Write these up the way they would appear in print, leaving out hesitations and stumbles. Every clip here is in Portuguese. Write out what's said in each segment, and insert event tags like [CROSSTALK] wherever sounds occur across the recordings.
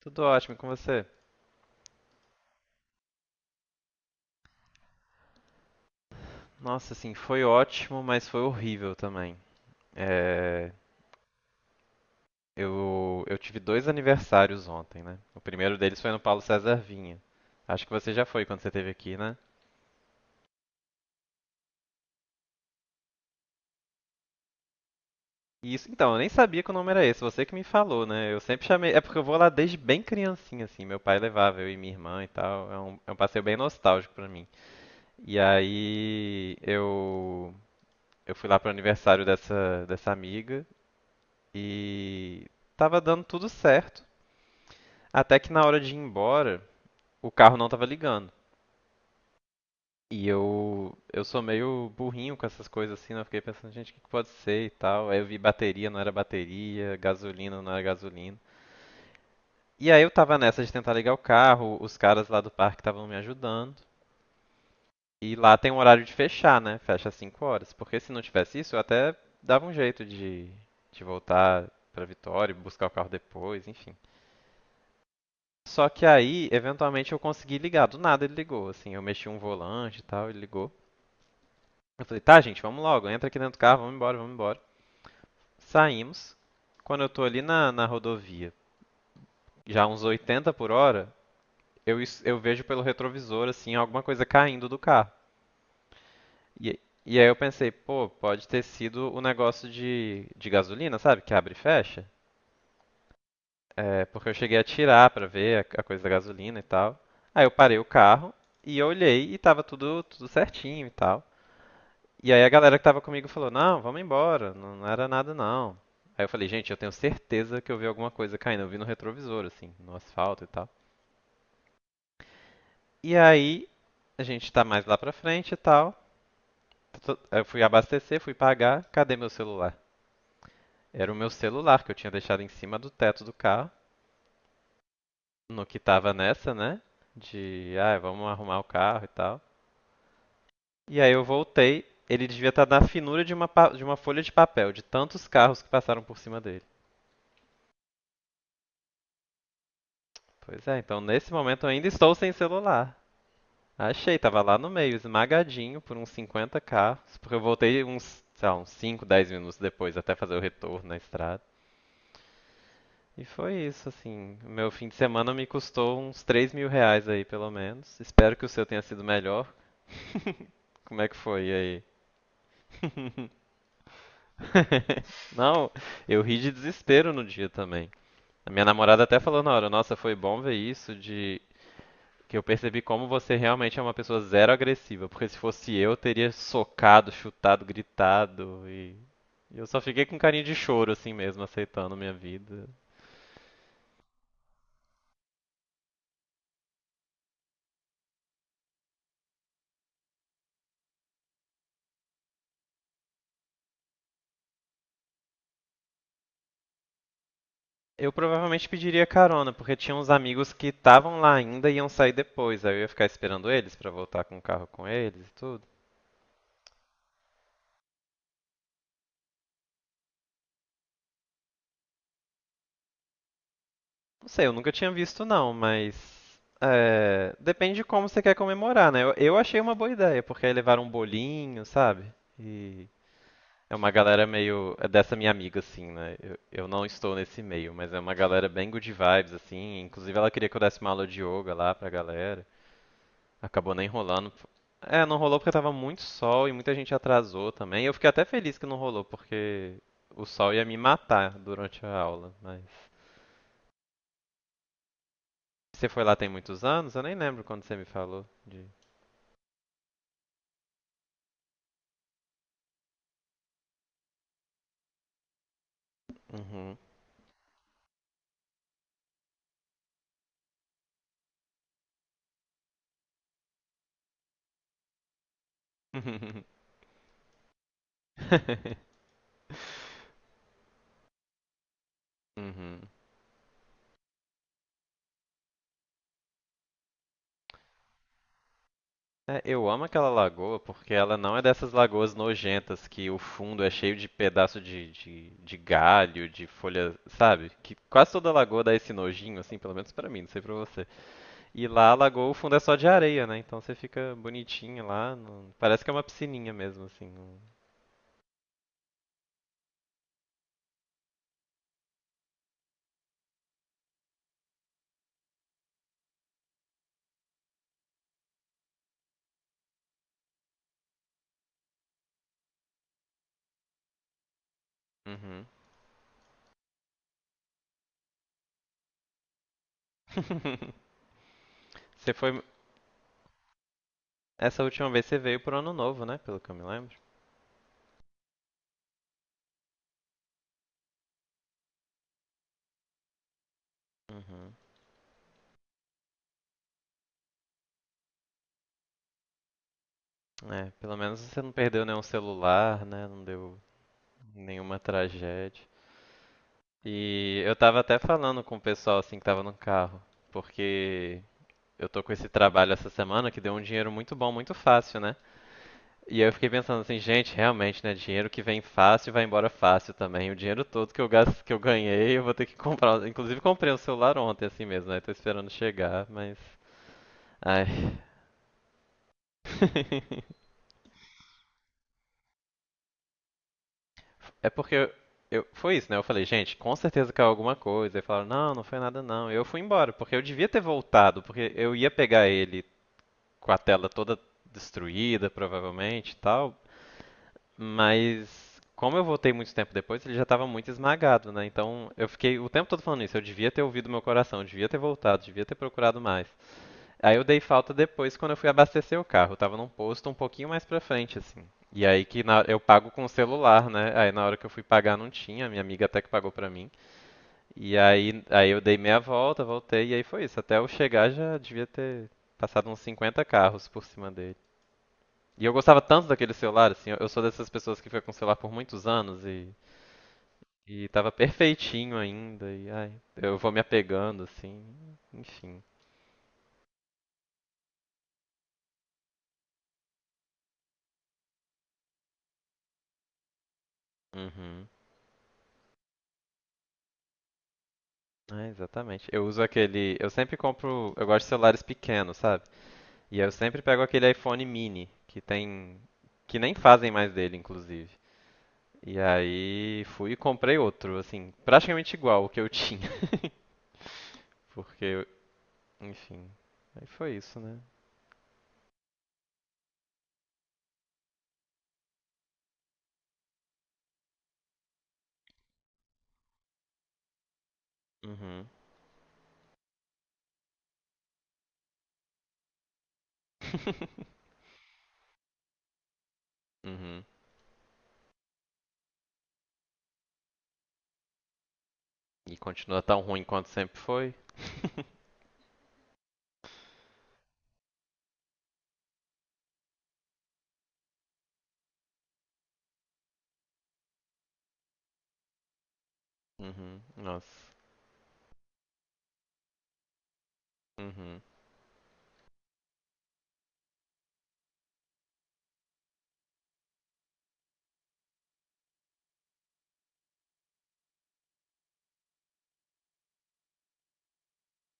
Tudo ótimo e com você? Nossa, assim, foi ótimo, mas foi horrível também. É, eu tive dois aniversários ontem, né? O primeiro deles foi no Paulo César Vinha. Acho que você já foi quando você esteve aqui, né? E isso, então, eu nem sabia que o nome era esse, você que me falou, né? Eu sempre chamei. É porque eu vou lá desde bem criancinha, assim. Meu pai levava, eu e minha irmã e tal. É um passeio bem nostálgico pra mim. E aí eu, eu fui lá pro aniversário dessa amiga e tava dando tudo certo. Até que na hora de ir embora, o carro não tava ligando. E eu sou meio burrinho com essas coisas assim, né? Eu fiquei pensando, gente, o que que pode ser e tal. Aí eu vi bateria, não era bateria, gasolina, não era gasolina. E aí eu tava nessa de tentar ligar o carro, os caras lá do parque estavam me ajudando. E lá tem um horário de fechar, né? Fecha às 5 horas. Porque se não tivesse isso, eu até dava um jeito de voltar pra Vitória, buscar o carro depois, enfim. Só que aí, eventualmente, eu consegui ligar. Do nada ele ligou, assim. Eu mexi um volante e tal, ele ligou. Eu falei, tá, gente, vamos logo. Entra aqui dentro do carro, vamos embora, vamos embora. Saímos. Quando eu tô ali na, na rodovia, já uns 80 por hora, eu vejo pelo retrovisor, assim, alguma coisa caindo do carro. E, e aí eu pensei, pô, pode ter sido o negócio de gasolina, sabe? Que abre e fecha. É, porque eu cheguei a tirar pra ver a coisa da gasolina e tal. Aí eu parei o carro e eu olhei e tava tudo certinho e tal. E aí a galera que tava comigo falou: Não, vamos embora, não, não era nada não. Aí eu falei: Gente, eu tenho certeza que eu vi alguma coisa caindo. Eu vi no retrovisor, assim, no asfalto e tal. E aí a gente tá mais lá pra frente e tal. Eu fui abastecer, fui pagar. Cadê meu celular? Era o meu celular que eu tinha deixado em cima do teto do carro. No que tava nessa, né? De, ah, vamos arrumar o carro e tal. E aí eu voltei, ele devia estar na finura de uma, de uma folha de papel, de tantos carros que passaram por cima dele. Pois é, então nesse momento eu ainda estou sem celular. Achei, tava lá no meio, esmagadinho por uns 50 carros, porque eu voltei uns, sei lá, uns 5, 10 minutos depois até fazer o retorno na estrada. E foi isso, assim, o meu fim de semana me custou uns R$ 3.000 aí, pelo menos. Espero que o seu tenha sido melhor. Como é que foi aí? [LAUGHS] Não, eu ri de desespero no dia também. A minha namorada até falou na hora, nossa, foi bom ver isso de que eu percebi como você realmente é uma pessoa zero agressiva, porque se fosse eu teria socado, chutado, gritado e eu só fiquei com carinho de choro assim mesmo, aceitando minha vida. Eu provavelmente pediria carona, porque tinha uns amigos que estavam lá ainda e iam sair depois, aí eu ia ficar esperando eles pra voltar com o carro com eles e tudo. Não sei, eu nunca tinha visto não, mas é, depende de como você quer comemorar, né? Eu achei uma boa ideia, porque aí levaram um bolinho, sabe? E é uma galera meio é dessa minha amiga assim, né? Eu não estou nesse meio, mas é uma galera bem good vibes assim. Inclusive ela queria que eu desse uma aula de yoga lá pra galera. Acabou nem rolando. É, não rolou porque tava muito sol e muita gente atrasou também. Eu fiquei até feliz que não rolou, porque o sol ia me matar durante a aula, mas você foi lá tem muitos anos? Eu nem lembro quando você me falou de. Uhum. [LAUGHS] Uhum. É, eu amo aquela lagoa porque ela não é dessas lagoas nojentas que o fundo é cheio de pedaço de galho, de folha, sabe? Que quase toda lagoa dá esse nojinho, assim, pelo menos pra mim, não sei pra você. E lá a lagoa, o fundo é só de areia, né? Então você fica bonitinho lá, parece que é uma piscininha mesmo, assim. Uhum. [LAUGHS] Você foi, essa última vez você veio pro ano novo, né? Pelo que eu me lembro. Uhum. É, pelo menos você não perdeu nenhum celular, né? Não deu nenhuma tragédia. E eu tava até falando com o pessoal assim que tava no carro, porque eu tô com esse trabalho essa semana que deu um dinheiro muito bom, muito fácil, né? E aí eu fiquei pensando assim, gente, realmente, né? Dinheiro que vem fácil vai embora fácil também. O dinheiro todo que eu gasto, que eu ganhei, eu vou ter que comprar. Inclusive comprei um celular ontem assim mesmo, né? Tô esperando chegar, mas. Ai. [LAUGHS] É porque foi isso, né? Eu falei, gente, com certeza caiu alguma coisa. E falaram, não, não foi nada não. Eu fui embora, porque eu devia ter voltado, porque eu ia pegar ele com a tela toda destruída, provavelmente e tal. Mas como eu voltei muito tempo depois, ele já estava muito esmagado, né? Então eu fiquei o tempo todo falando isso. Eu devia ter ouvido meu coração, eu devia ter voltado, devia ter procurado mais. Aí eu dei falta depois quando eu fui abastecer o carro. Eu tava num posto um pouquinho mais pra frente, assim. E aí que eu pago com o celular, né? Aí na hora que eu fui pagar não tinha, minha amiga até que pagou pra mim. E aí eu dei meia volta, voltei, e aí foi isso. Até eu chegar já devia ter passado uns 50 carros por cima dele. E eu gostava tanto daquele celular, assim, eu sou dessas pessoas que foi com o celular por muitos anos e tava perfeitinho ainda, e ai, eu vou me apegando, assim, enfim. Uhum. É, exatamente. Eu uso aquele. Eu sempre compro. Eu gosto de celulares pequenos, sabe? E eu sempre pego aquele iPhone mini, que tem. Que nem fazem mais dele, inclusive. E aí fui e comprei outro, assim, praticamente igual o que eu tinha. [LAUGHS] Porque. eu- Aí foi isso, né? Uhum. [LAUGHS] Uhum. E continua tão ruim quanto sempre foi? [LAUGHS] Uhum. Nossa. Uhum.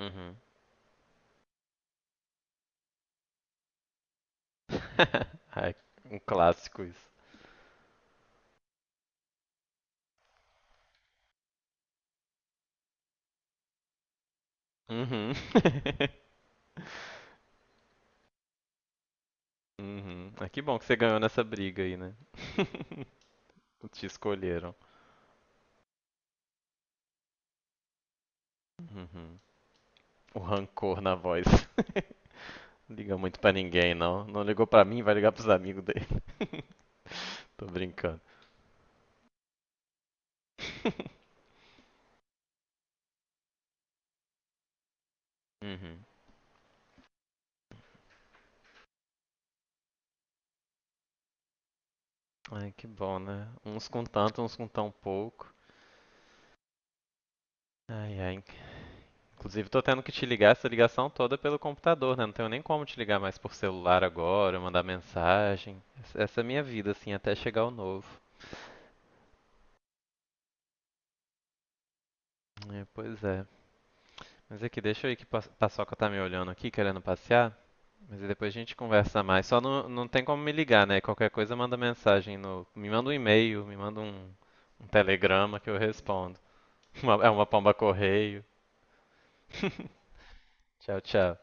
Uhum. [LAUGHS] Ai, um clássico isso. Uhum. [LAUGHS] Uhum. Ah, que bom que você ganhou nessa briga aí, né? [LAUGHS] Te escolheram. Uhum. O rancor na voz. [LAUGHS] Não liga muito pra ninguém, não. Não ligou pra mim, vai ligar pros amigos dele. [LAUGHS] Tô brincando. [LAUGHS] Uhum. Ai, que bom, né? Uns com tanto, uns com tão pouco. Ai, ai. Inclusive, tô tendo que te ligar essa ligação toda pelo computador, né? Não tenho nem como te ligar mais por celular agora, mandar mensagem. Essa é a minha vida, assim, até chegar o novo. É, pois é. Mas aqui, deixa eu ir que Paçoca tá me olhando aqui, querendo passear. Mas aí depois a gente conversa mais. Só não, não tem como me ligar, né? Qualquer coisa manda mensagem no. Me manda um e-mail, me manda um telegrama que eu respondo. [LAUGHS] Uma- é uma pomba correio. [LAUGHS] Tchau, tchau.